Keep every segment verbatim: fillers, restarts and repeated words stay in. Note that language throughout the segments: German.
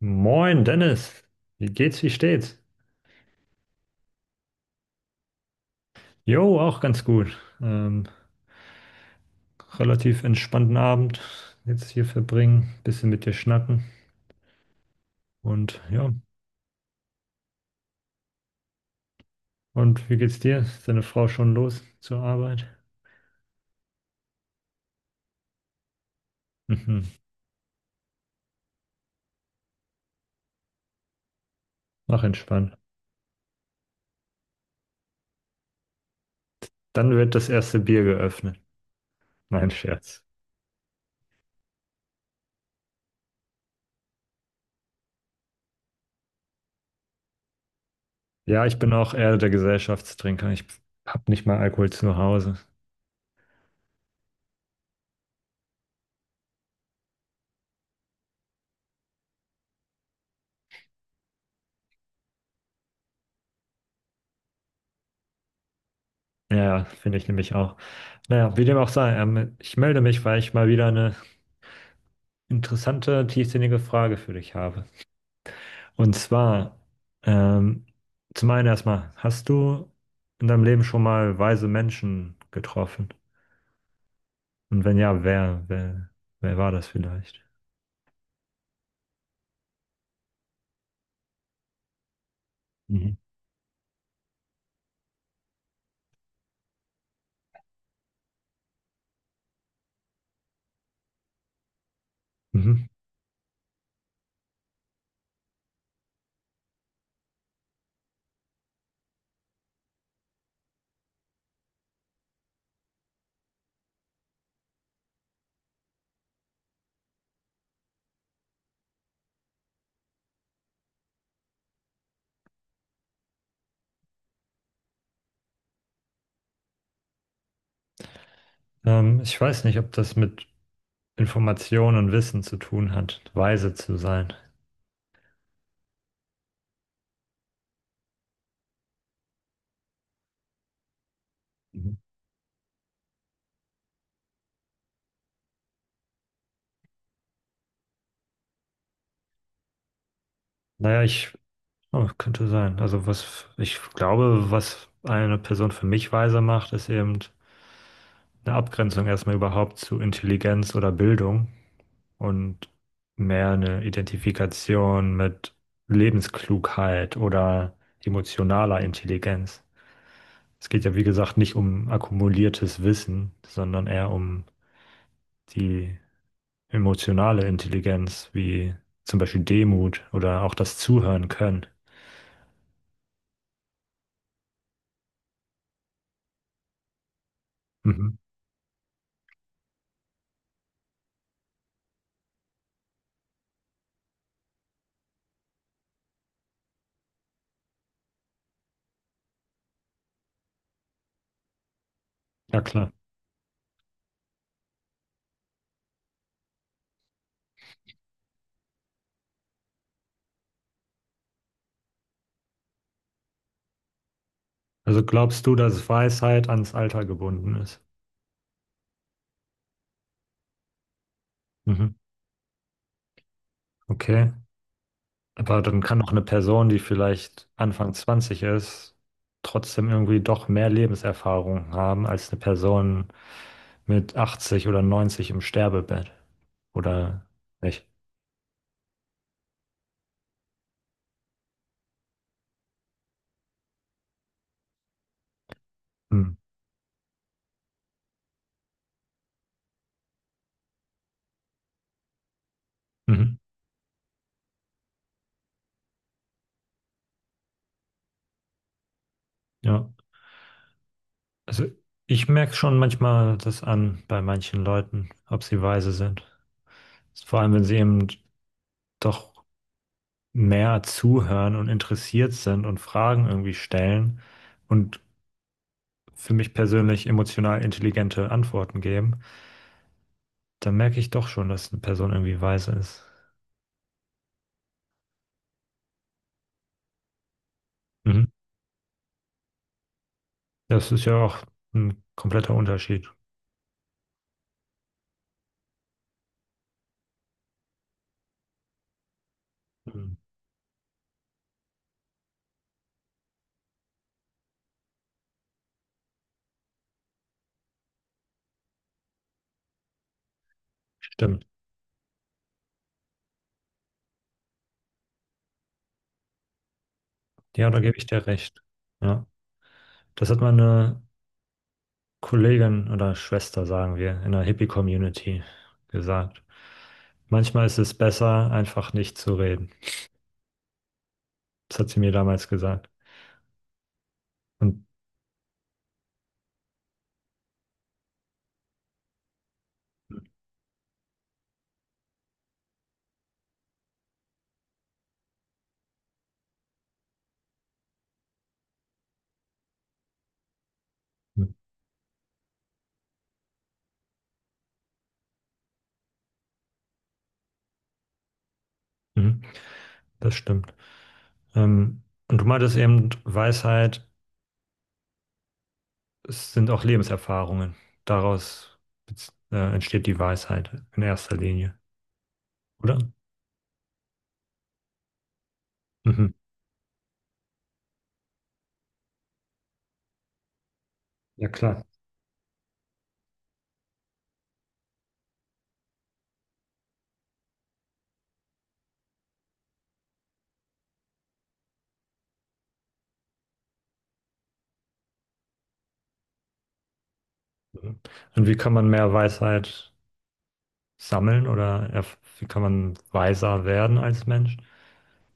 Moin Dennis, wie geht's, wie steht's? Jo, auch ganz gut. Ähm, relativ entspannten Abend jetzt hier verbringen, bisschen mit dir schnacken und ja. Und wie geht's dir? Ist deine Frau schon los zur Arbeit? Mhm, mach entspannt. Dann wird das erste Bier geöffnet. Nein, Scherz. Ja, ich bin auch eher der Gesellschaftstrinker. Ich hab nicht mal Alkohol zu Hause. Ja, ja, finde ich nämlich auch. Naja, wie dem auch sei, ähm, ich melde mich, weil ich mal wieder eine interessante, tiefsinnige Frage für dich habe. Und zwar, ähm, zum einen erstmal, hast du in deinem Leben schon mal weise Menschen getroffen? Und wenn ja, wer, wer, wer war das vielleicht? Mhm. Mhm. Ähm, ich weiß nicht, ob das mit Informationen und Wissen zu tun hat, weise zu sein. Mhm. Naja, ich, oh, könnte sein. Also was, ich glaube, was eine Person für mich weise macht, ist eben eine Abgrenzung erstmal überhaupt zu Intelligenz oder Bildung, und mehr eine Identifikation mit Lebensklugheit oder emotionaler Intelligenz. Es geht ja, wie gesagt, nicht um akkumuliertes Wissen, sondern eher um die emotionale Intelligenz, wie zum Beispiel Demut oder auch das Zuhören können. Mhm. Ja, klar. Also glaubst du, dass Weisheit ans Alter gebunden ist? Mhm. Okay. Aber dann kann doch eine Person, die vielleicht Anfang zwanzig ist, trotzdem irgendwie doch mehr Lebenserfahrung haben als eine Person mit achtzig oder neunzig im Sterbebett. Oder nicht? Hm. Mhm. Ja. Also ich merke schon manchmal das an bei manchen Leuten, ob sie weise sind. Vor allem, wenn sie eben doch mehr zuhören und interessiert sind und Fragen irgendwie stellen und für mich persönlich emotional intelligente Antworten geben. Da merke ich doch schon, dass eine Person irgendwie weise ist. Mhm. Das ist ja auch ein kompletter Unterschied. Mhm. Stimmt. Ja, da gebe ich dir recht. Ja. Das hat meine Kollegin oder Schwester, sagen wir, in der Hippie-Community gesagt. Manchmal ist es besser, einfach nicht zu reden. Das hat sie mir damals gesagt. Und mhm, das stimmt. Ähm, und du meintest eben, Weisheit, es sind auch Lebenserfahrungen. Daraus bez- äh, entsteht die Weisheit in erster Linie, oder? Mhm. Ja, klar. Mhm. Und wie kann man mehr Weisheit sammeln oder erf- wie kann man weiser werden als Mensch?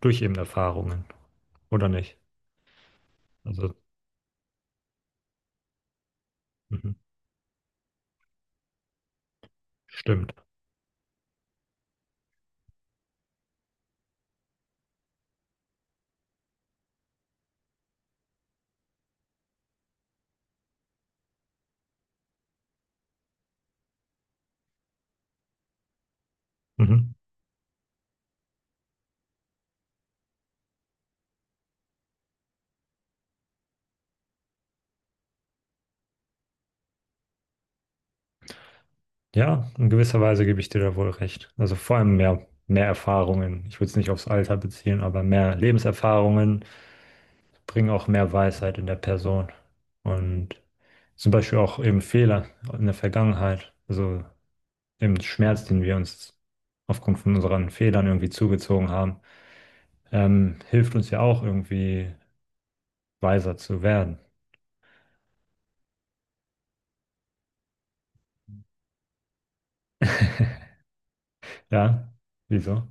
Durch eben Erfahrungen, oder nicht? Also, mhm. Stimmt. Mhm. Ja, in gewisser Weise gebe ich dir da wohl recht. Also vor allem mehr, mehr Erfahrungen. Ich würde es nicht aufs Alter beziehen, aber mehr Lebenserfahrungen bringen auch mehr Weisheit in der Person. Und zum Beispiel auch eben Fehler in der Vergangenheit. Also dem Schmerz, den wir uns aufgrund von unseren Fehlern irgendwie zugezogen haben, ähm, hilft uns ja auch irgendwie weiser zu werden. Ja, wieso?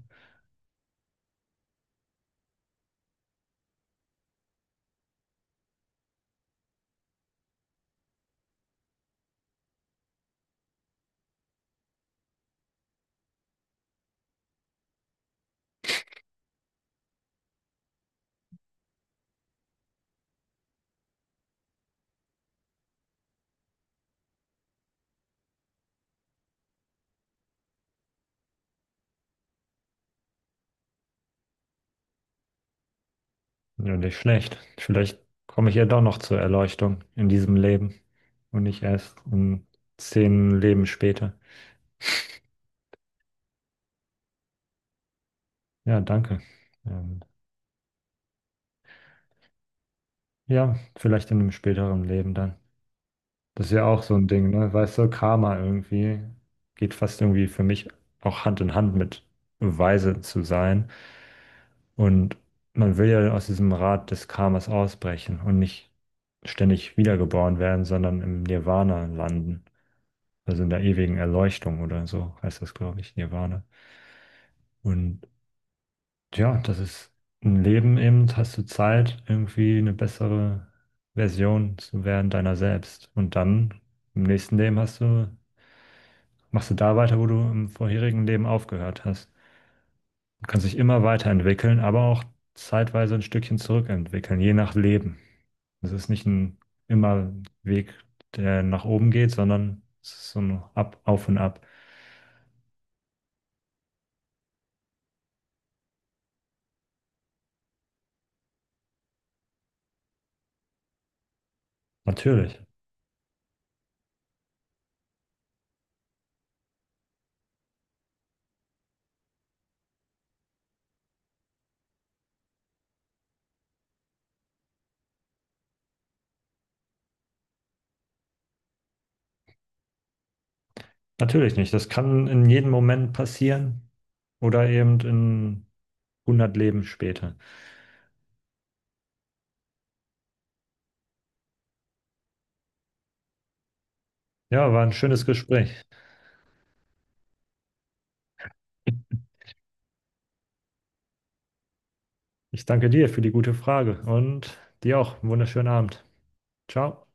Ja, nicht schlecht. Vielleicht komme ich ja doch noch zur Erleuchtung in diesem Leben und nicht erst in zehn Leben später. Ja, danke. Ähm, ja, vielleicht in einem späteren Leben dann. Das ist ja auch so ein Ding, ne? Weißt du, Karma irgendwie geht fast irgendwie für mich auch Hand in Hand mit weise zu sein. Und man will ja aus diesem Rad des Karmas ausbrechen und nicht ständig wiedergeboren werden, sondern im Nirvana landen. Also in der ewigen Erleuchtung oder so heißt das, glaube ich, Nirvana. Und ja, das ist ein Leben eben, hast du Zeit, irgendwie eine bessere Version zu werden deiner selbst. Und dann im nächsten Leben hast du, machst du da weiter, wo du im vorherigen Leben aufgehört hast. Du kannst dich immer weiterentwickeln, aber auch zeitweise ein Stückchen zurückentwickeln, je nach Leben. Also es ist nicht ein immer Weg, der nach oben geht, sondern es ist so ein Ab, auf und ab. Natürlich, natürlich nicht. Das kann in jedem Moment passieren oder eben in hundert Leben später. Ja, war ein schönes Gespräch. Ich danke dir für die gute Frage und dir auch einen wunderschönen Abend. Ciao.